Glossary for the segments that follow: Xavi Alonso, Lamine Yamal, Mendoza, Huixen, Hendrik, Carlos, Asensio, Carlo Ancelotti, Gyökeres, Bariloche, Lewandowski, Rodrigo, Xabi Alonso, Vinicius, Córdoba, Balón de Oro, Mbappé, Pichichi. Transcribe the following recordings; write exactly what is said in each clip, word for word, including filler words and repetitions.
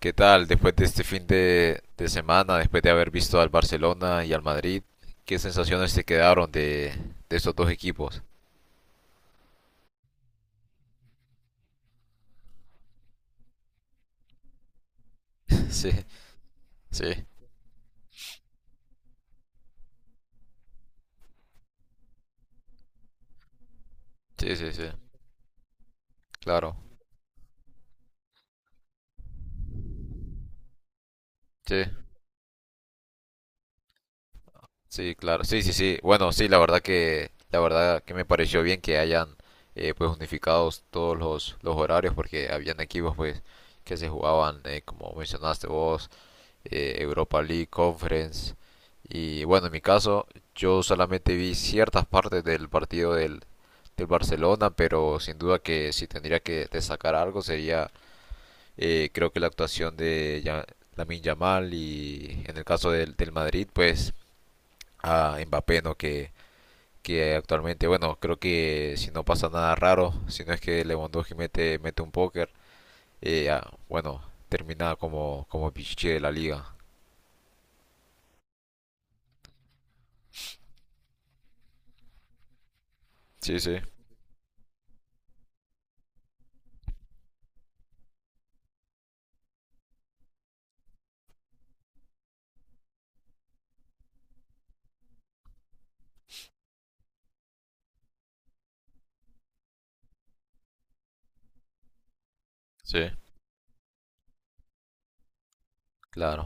¿Qué tal después de este fin de, de semana, después de haber visto al Barcelona y al Madrid? ¿Qué sensaciones te quedaron de, de estos dos equipos? Sí, sí, sí, sí, sí, claro, sí, sí, claro, sí, sí, sí. Bueno, sí, la verdad que, la verdad que me pareció bien que hayan eh, pues unificados todos los, los horarios porque habían equipos pues que se jugaban eh, como mencionaste vos, eh, Europa League, Conference. Y bueno, en mi caso, yo solamente vi ciertas partes del partido del, del Barcelona, pero sin duda que si tendría que destacar algo sería, eh, creo que la actuación de Ya- Lamine Yamal, y en el caso del, del Madrid, pues a Mbappé, ¿no? Que, que actualmente, bueno, creo que si no pasa nada raro, si no es que Lewandowski mete, mete un póker, eh, ah, bueno, termina como, como Pichichi de la liga. Sí, sí, sí. Claro,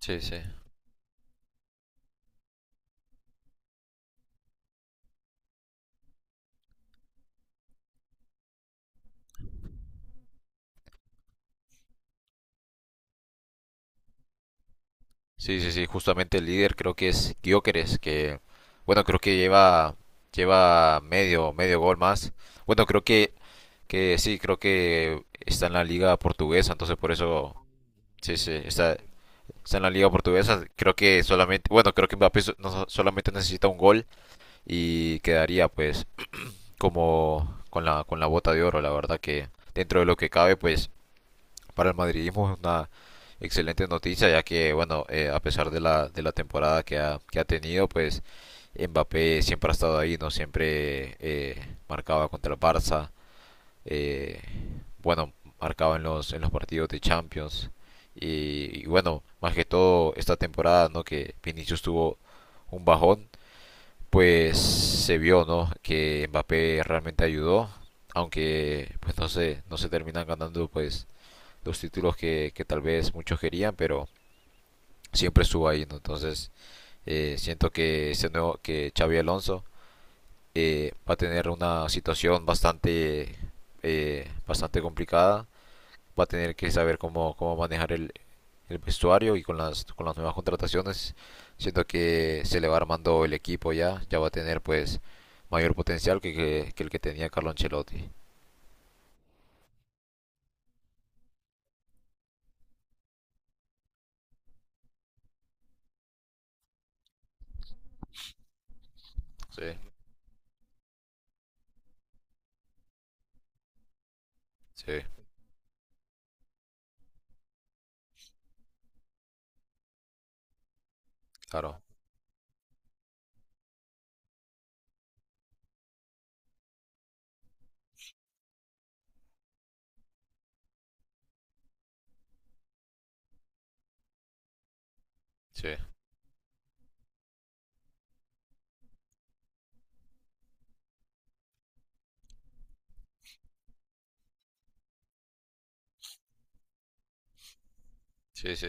sí, sí. Sí, sí, sí, justamente el líder creo que es Gyökeres, que bueno, creo que lleva lleva medio medio gol más. Bueno, creo que que sí, creo que está en la liga portuguesa, entonces por eso sí, sí, está está en la liga portuguesa. Creo que solamente, bueno, creo que Mbappé so- no so- solamente necesita un gol y quedaría pues como con la con la bota de oro. La verdad que dentro de lo que cabe, pues para el madridismo es una excelente noticia, ya que, bueno, eh, a pesar de la, de la temporada que ha, que ha tenido, pues Mbappé siempre ha estado ahí, ¿no? Siempre eh, marcaba contra el Barça, eh, bueno, marcaba en los, en los partidos de Champions. Y, y bueno, más que todo esta temporada, ¿no? Que Vinicius tuvo un bajón, pues se vio, ¿no? Que Mbappé realmente ayudó, aunque pues no se, no se terminan ganando pues los títulos que, que tal vez muchos querían, pero siempre estuvo ahí, ¿no? Entonces, eh, siento que ese nuevo, que Xavi Alonso eh, va a tener una situación bastante, eh, bastante complicada. Va a tener que saber cómo, cómo manejar el, el vestuario, y con las, con las nuevas contrataciones, siento que se le va armando el equipo ya, ya va a tener pues mayor potencial que, que, que el que tenía Carlo Ancelotti. Sí, sí, claro, sí, sí, sí,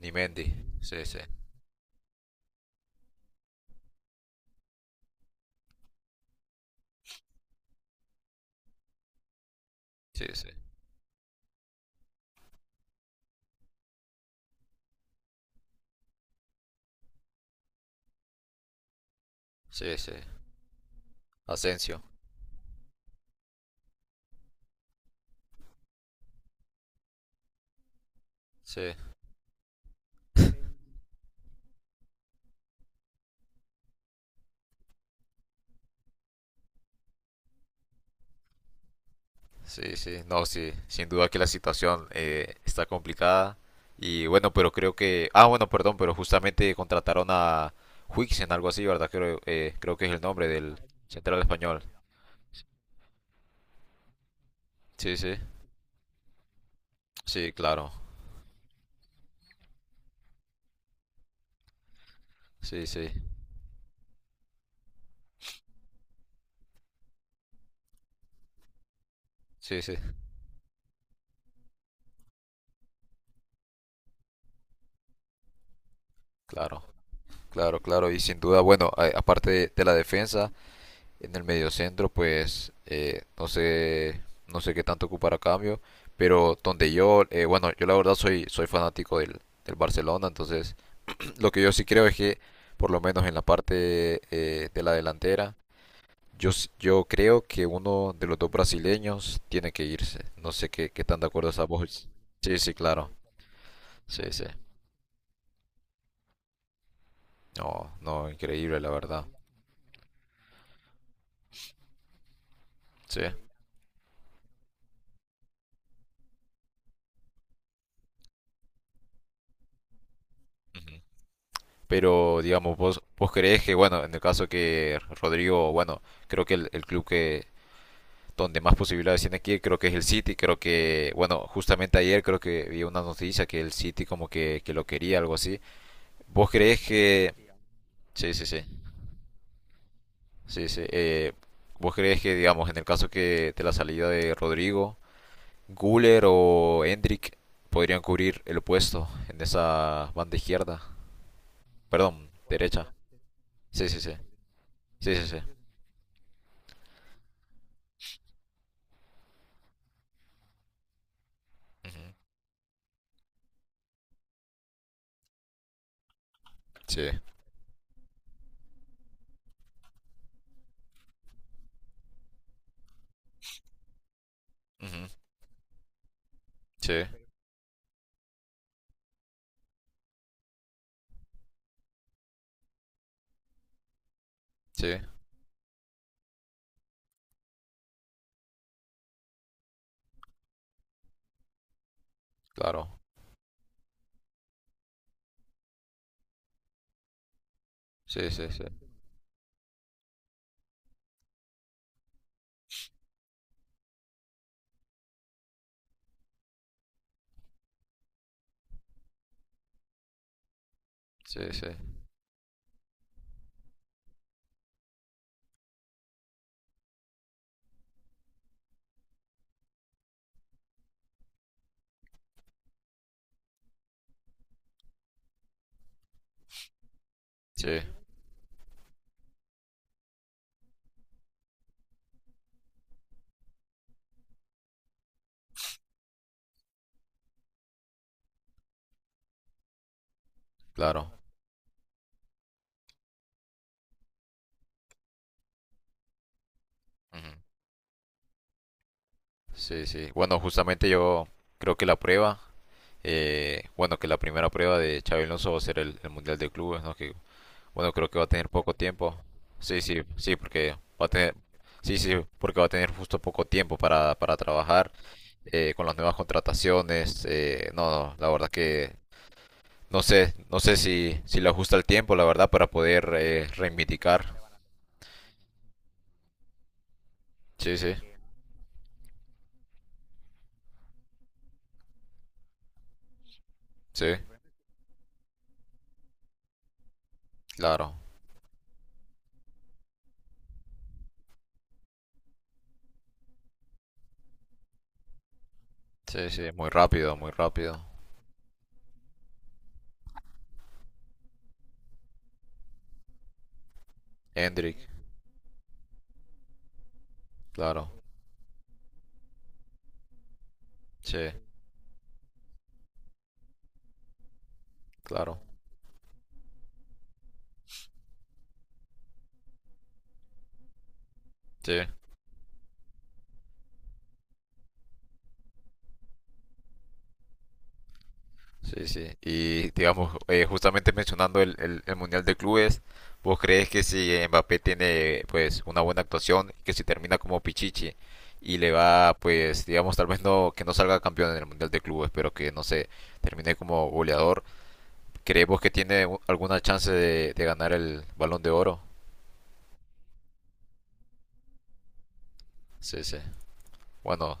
Nimendi, sí, sí, sí, sí. Sí, sí. Asensio. Sí, sí, sí. No, sí. Sin duda que la situación, eh, está complicada. Y bueno, pero creo que… Ah, bueno, perdón, pero justamente contrataron a Huixen, algo así, ¿verdad? Creo, eh, creo que es el nombre del central español. Sí, sí. Sí, claro. Sí, sí. Sí, sí. Claro. Claro, claro. Y sin duda, bueno, a- aparte de la defensa… En el mediocentro, pues eh, no sé, no sé qué tanto ocupar a cambio, pero donde yo, eh, bueno, yo la verdad soy, soy fanático del, del Barcelona, entonces lo que yo sí creo es que, por lo menos en la parte, eh, de la delantera, yo, s- yo creo que uno de los dos brasileños tiene que irse. No sé qué, qué tan de acuerdo estás vos. Sí, sí, claro. Sí, sí. No, no, increíble, la verdad. Sí. Ujú. Pero, digamos, vos, vos crees que, bueno, en el caso que Rodrigo, bueno, creo que el, el club que donde más posibilidades tiene aquí, creo que es el City. Creo que, bueno, justamente ayer creo que vi una noticia que el City como que, que lo quería, algo así. ¿Vos crees que… Sí, sí, sí, sí, sí. Eh, ¿vos crees que, digamos, en el caso que de la salida de Rodrigo, Guller o Hendrik podrían cubrir el puesto en esa banda izquierda? Perdón, derecha. Sí, sí, sí. Sí, sí, sí. Ujú. Sí. Ujú, sí, sí, claro. Sí, sí, sí. Sí, sí. Sí, claro. Ujú, sí, sí. Bueno, justamente yo creo que la prueba, eh, bueno, que la primera prueba de Xabi Alonso va a ser el, el Mundial de Clubes, ¿no? Que, bueno, creo que va a tener poco tiempo. Sí, sí, sí, porque va a tener, sí, sí, porque va a tener justo poco tiempo para, para trabajar eh, con las nuevas contrataciones. Eh, no, no, la verdad que no sé, no sé si, si le ajusta el tiempo, la verdad, para poder eh, reivindicar. Sí, sí. Sí, claro. Sí, sí, muy rápido, muy rápido. Hendrik, claro. Sí, claro. Sí, sí, sí. Y digamos, eh, justamente mencionando el, el, el Mundial de Clubes, ¿vos crees que si Mbappé tiene pues una buena actuación, que si termina como Pichichi y le va pues digamos tal vez no que no salga campeón en el Mundial de Clubes, pero que no sé, termine como goleador, ¿creemos que tiene u- alguna chance de, de ganar el Balón de Oro? Sí, sí. Bueno,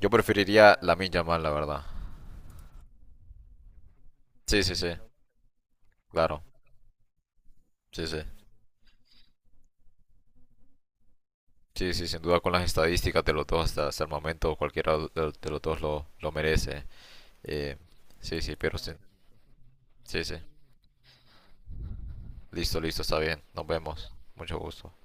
yo preferiría la Lamine Yamal, la verdad. Sí, sí, sí, claro, sí, sí, sí, sí, sin duda con las estadísticas de los dos hasta, hasta el momento cualquiera de, los de los dos lo, lo merece. Eh, sí, sí, pero sí, sí, sí, listo, listo, está bien, nos vemos, mucho gusto.